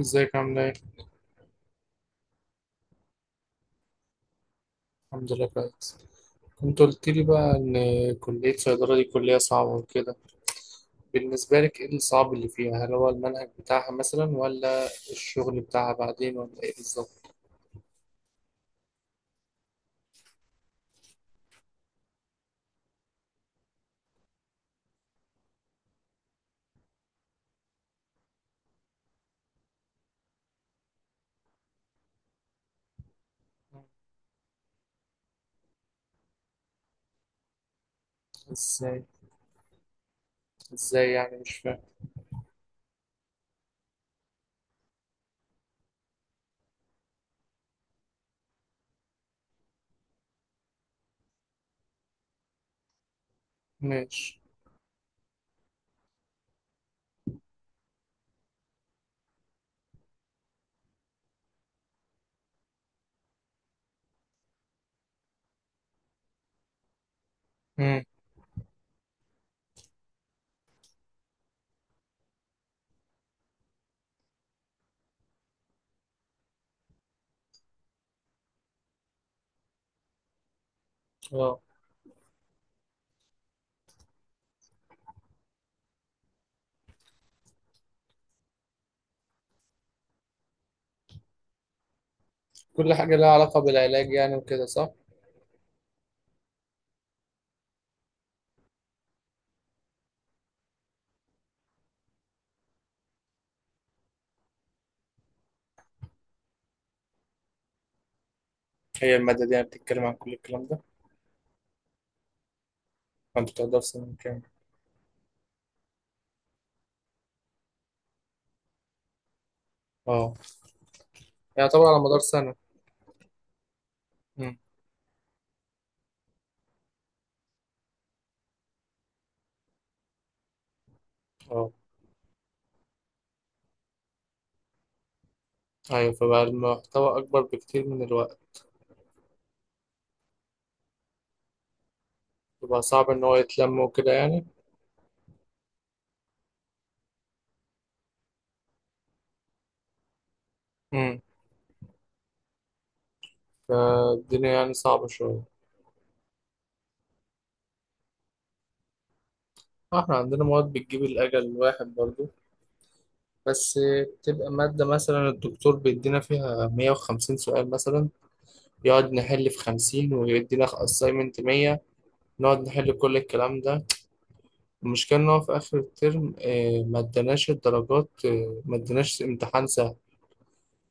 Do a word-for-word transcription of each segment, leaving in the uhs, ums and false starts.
ازيك عاملة ايه؟ الحمد لله كويس. كنت قلت لي بقى ان كلية صيدلة دي كلية صعبة وكده. بالنسبة لك ايه الصعب اللي فيها؟ هل هو المنهج بتاعها مثلا ولا الشغل بتاعها بعدين ولا ايه بالظبط؟ ازاي؟ ازاي يعني مش فاهم. ماشي. مم. اه. كل حاجة لها علاقة بالعلاج يعني وكده صح؟ هي المادة دي يعني بتتكلم عن كل الكلام ده؟ فانت بتقدر في سنة كام؟ اه، يعني طبعا على مدار سنة. مم. اه، ايوه فبقى المحتوى اكبر بكتير من الوقت. يبقى صعب إن هو يتلم وكده يعني. امم فالدنيا يعني صعبة شوية. احنا عندنا مواد بتجيب الأجل الواحد برضو بس. بتبقى مادة مثلا الدكتور بيدينا فيها مية وخمسين سؤال مثلا، يقعد نحل في خمسين ويدينا assignment مية. نقعد نحل كل الكلام ده. المشكلة إن هو في آخر الترم، آه، ما اداناش الدرجات، آه، ما اداناش امتحان سهل.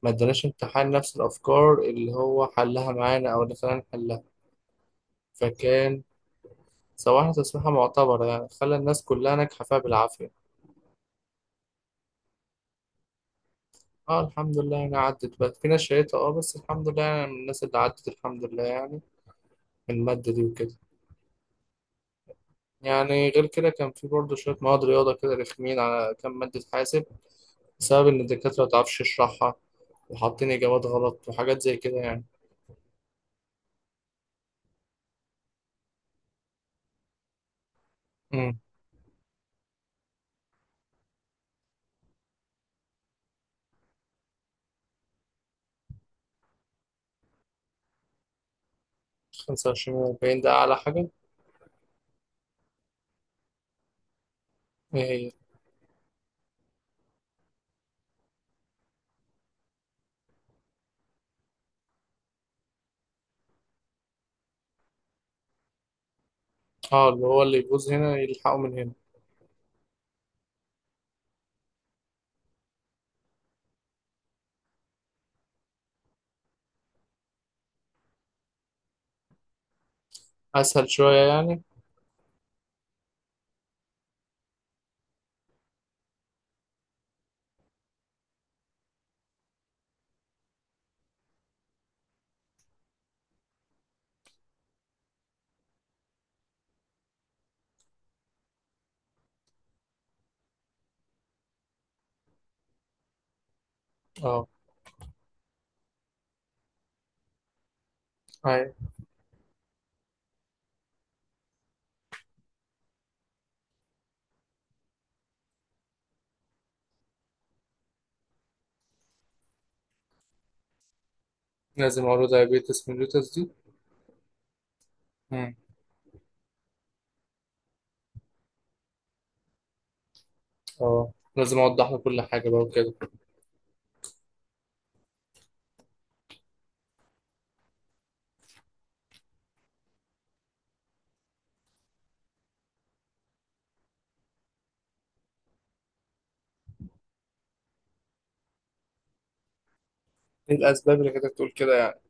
ما اداناش امتحان نفس الأفكار اللي هو حلها معانا أو اللي خلانا نحلها. فكان سواها تسويحة معتبرة يعني خلى الناس كلها ناجحة فيها بالعافية. اه الحمد لله، يعني عدت بقى، في ناس شريتها، اه بس الحمد لله يعني من الناس اللي عدت، الحمد لله يعني، من المادة دي وكده. يعني غير كده كان في برضه شوية مواد رياضة كده رخمين، على كام مادة حاسب بسبب إن الدكاترة متعرفش تشرحها وحاطين إجابات غلط وحاجات زي كده يعني. امم خمسة وعشرين وأربعين ده أعلى حاجة. إيه هي؟ اه، اللي هو اللي يبوظ هنا يلحقه من هنا. أسهل شوية يعني. اه، أيوة لازم أقوله دايابيتس ميليتس دي. اه، لازم اوضح له كل حاجه بقى وكده. ايه الاسباب اللي كانت تقول كده يعني.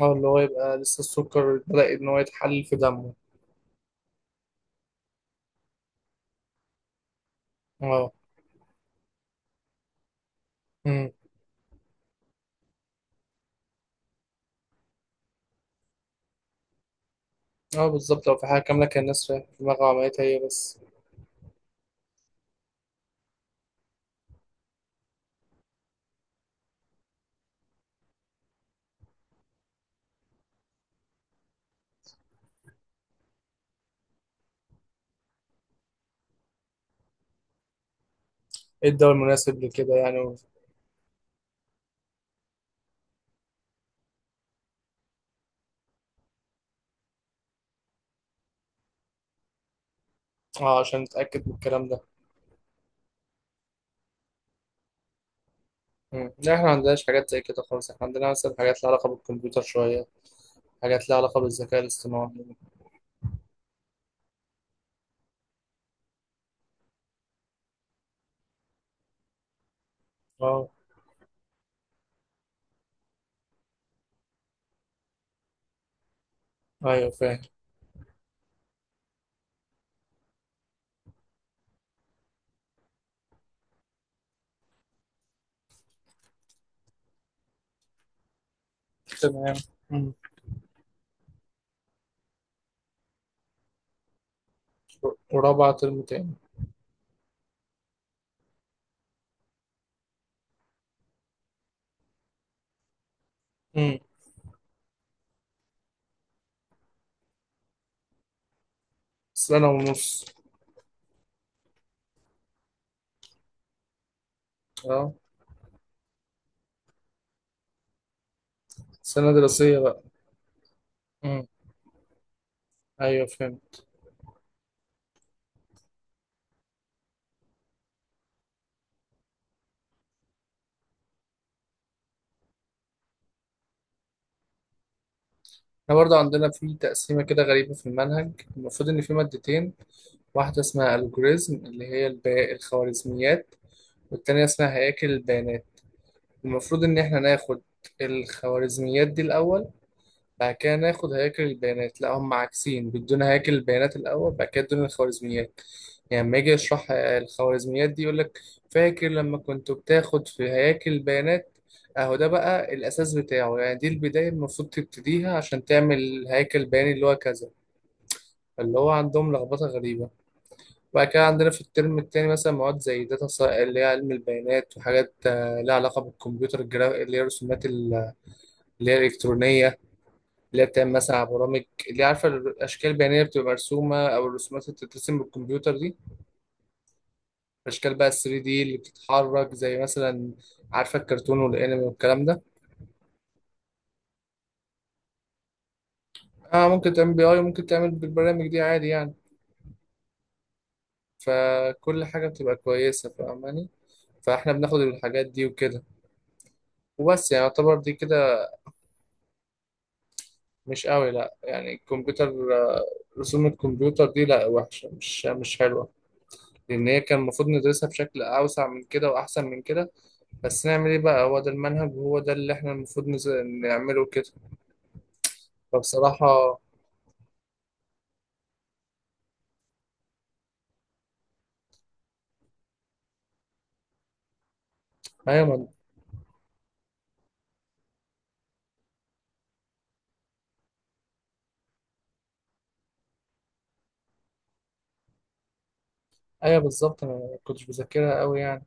اه، اللي هو يبقى لسه السكر بدأ ان هو يتحلل في دمه. اه. امم. اه، بالظبط لو في حاجه كامله كان الناس رايحة في دماغها عملتها هي بس. ايه الدواء المناسب لكده يعني و... اه عشان نتأكد من الكلام ده. امم لا احنا ما عندناش حاجات زي كده خالص. احنا عندنا مثلا حاجات لها علاقه بالكمبيوتر شويه، حاجات لها علاقه بالذكاء الاصطناعي. اه، ايوه فاهم. تمام. امم ورابعه ترم تاني. امم سنه ونص. اه، سنه دراسيه بقى. مم. ايوه فهمت. احنا برضه عندنا في تقسيمه كده غريبه في المنهج. المفروض ان في مادتين. واحده اسمها الجوريزم اللي هي الب- الخوارزميات، والتانيه اسمها هياكل البيانات. المفروض ان احنا ناخد الخوارزميات دي الاول، بعد كده ناخد هياكل البيانات. لا هم عكسين، بيدونا هياكل البيانات الأول بعد كده يدونا الخوارزميات. يعني لما يجي يشرح الخوارزميات دي يقول لك، فاكر لما كنت بتاخد في هياكل البيانات، اهو ده بقى الأساس بتاعه يعني، دي البداية المفروض تبتديها عشان تعمل هياكل بياني اللي هو كذا. اللي هو عندهم لخبطة غريبة. وبعد كده عندنا في الترم التاني مثلا مواد زي داتا سا- اللي هي علم البيانات، وحاجات آه، لها علاقة بالكمبيوتر، الجرا اللي هي الرسومات ال- اللي هي الإلكترونية، اللي هي بتعمل مثلا على برامج. اللي عارفه الاشكال البيانيه بتبقى مرسومه او الرسومات اللي بتترسم بالكمبيوتر دي. الاشكال بقى ثري دي اللي بتتحرك، زي مثلا عارفه الكرتون والانمي والكلام ده. اه، ممكن تعمل بي اي وممكن تعمل بالبرامج دي عادي يعني. فكل حاجه بتبقى كويسه، فاهماني؟ فاحنا بناخد الحاجات دي وكده. وبس يعني يعتبر دي كده. مش قوي لا يعني، الكمبيوتر، آه، رسوم الكمبيوتر دي لا وحشه، مش مش حلوه. لان هي كان المفروض ندرسها بشكل اوسع من كده واحسن من كده. بس نعمل ايه بقى، هو ده المنهج وهو ده اللي احنا المفروض نز- نعمله كده. فبصراحة، ايوه ما- ايوه بالظبط انا ما كنتش بذاكرها قوي يعني.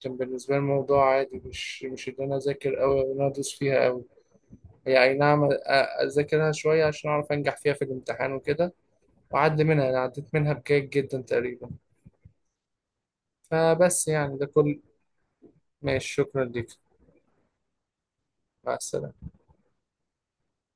كان بالنسبة لي الموضوع عادي، مش مش ان انا اذاكر قوي او ان انا ادوس فيها قوي. هي اي نعم، أ- اذاكرها شوية عشان اعرف انجح فيها في الامتحان وكده. واعدي منها، انا عديت منها بجيد جدا تقريبا. فبس يعني ده كل. ماشي، شكرا ليك. مع السلامة.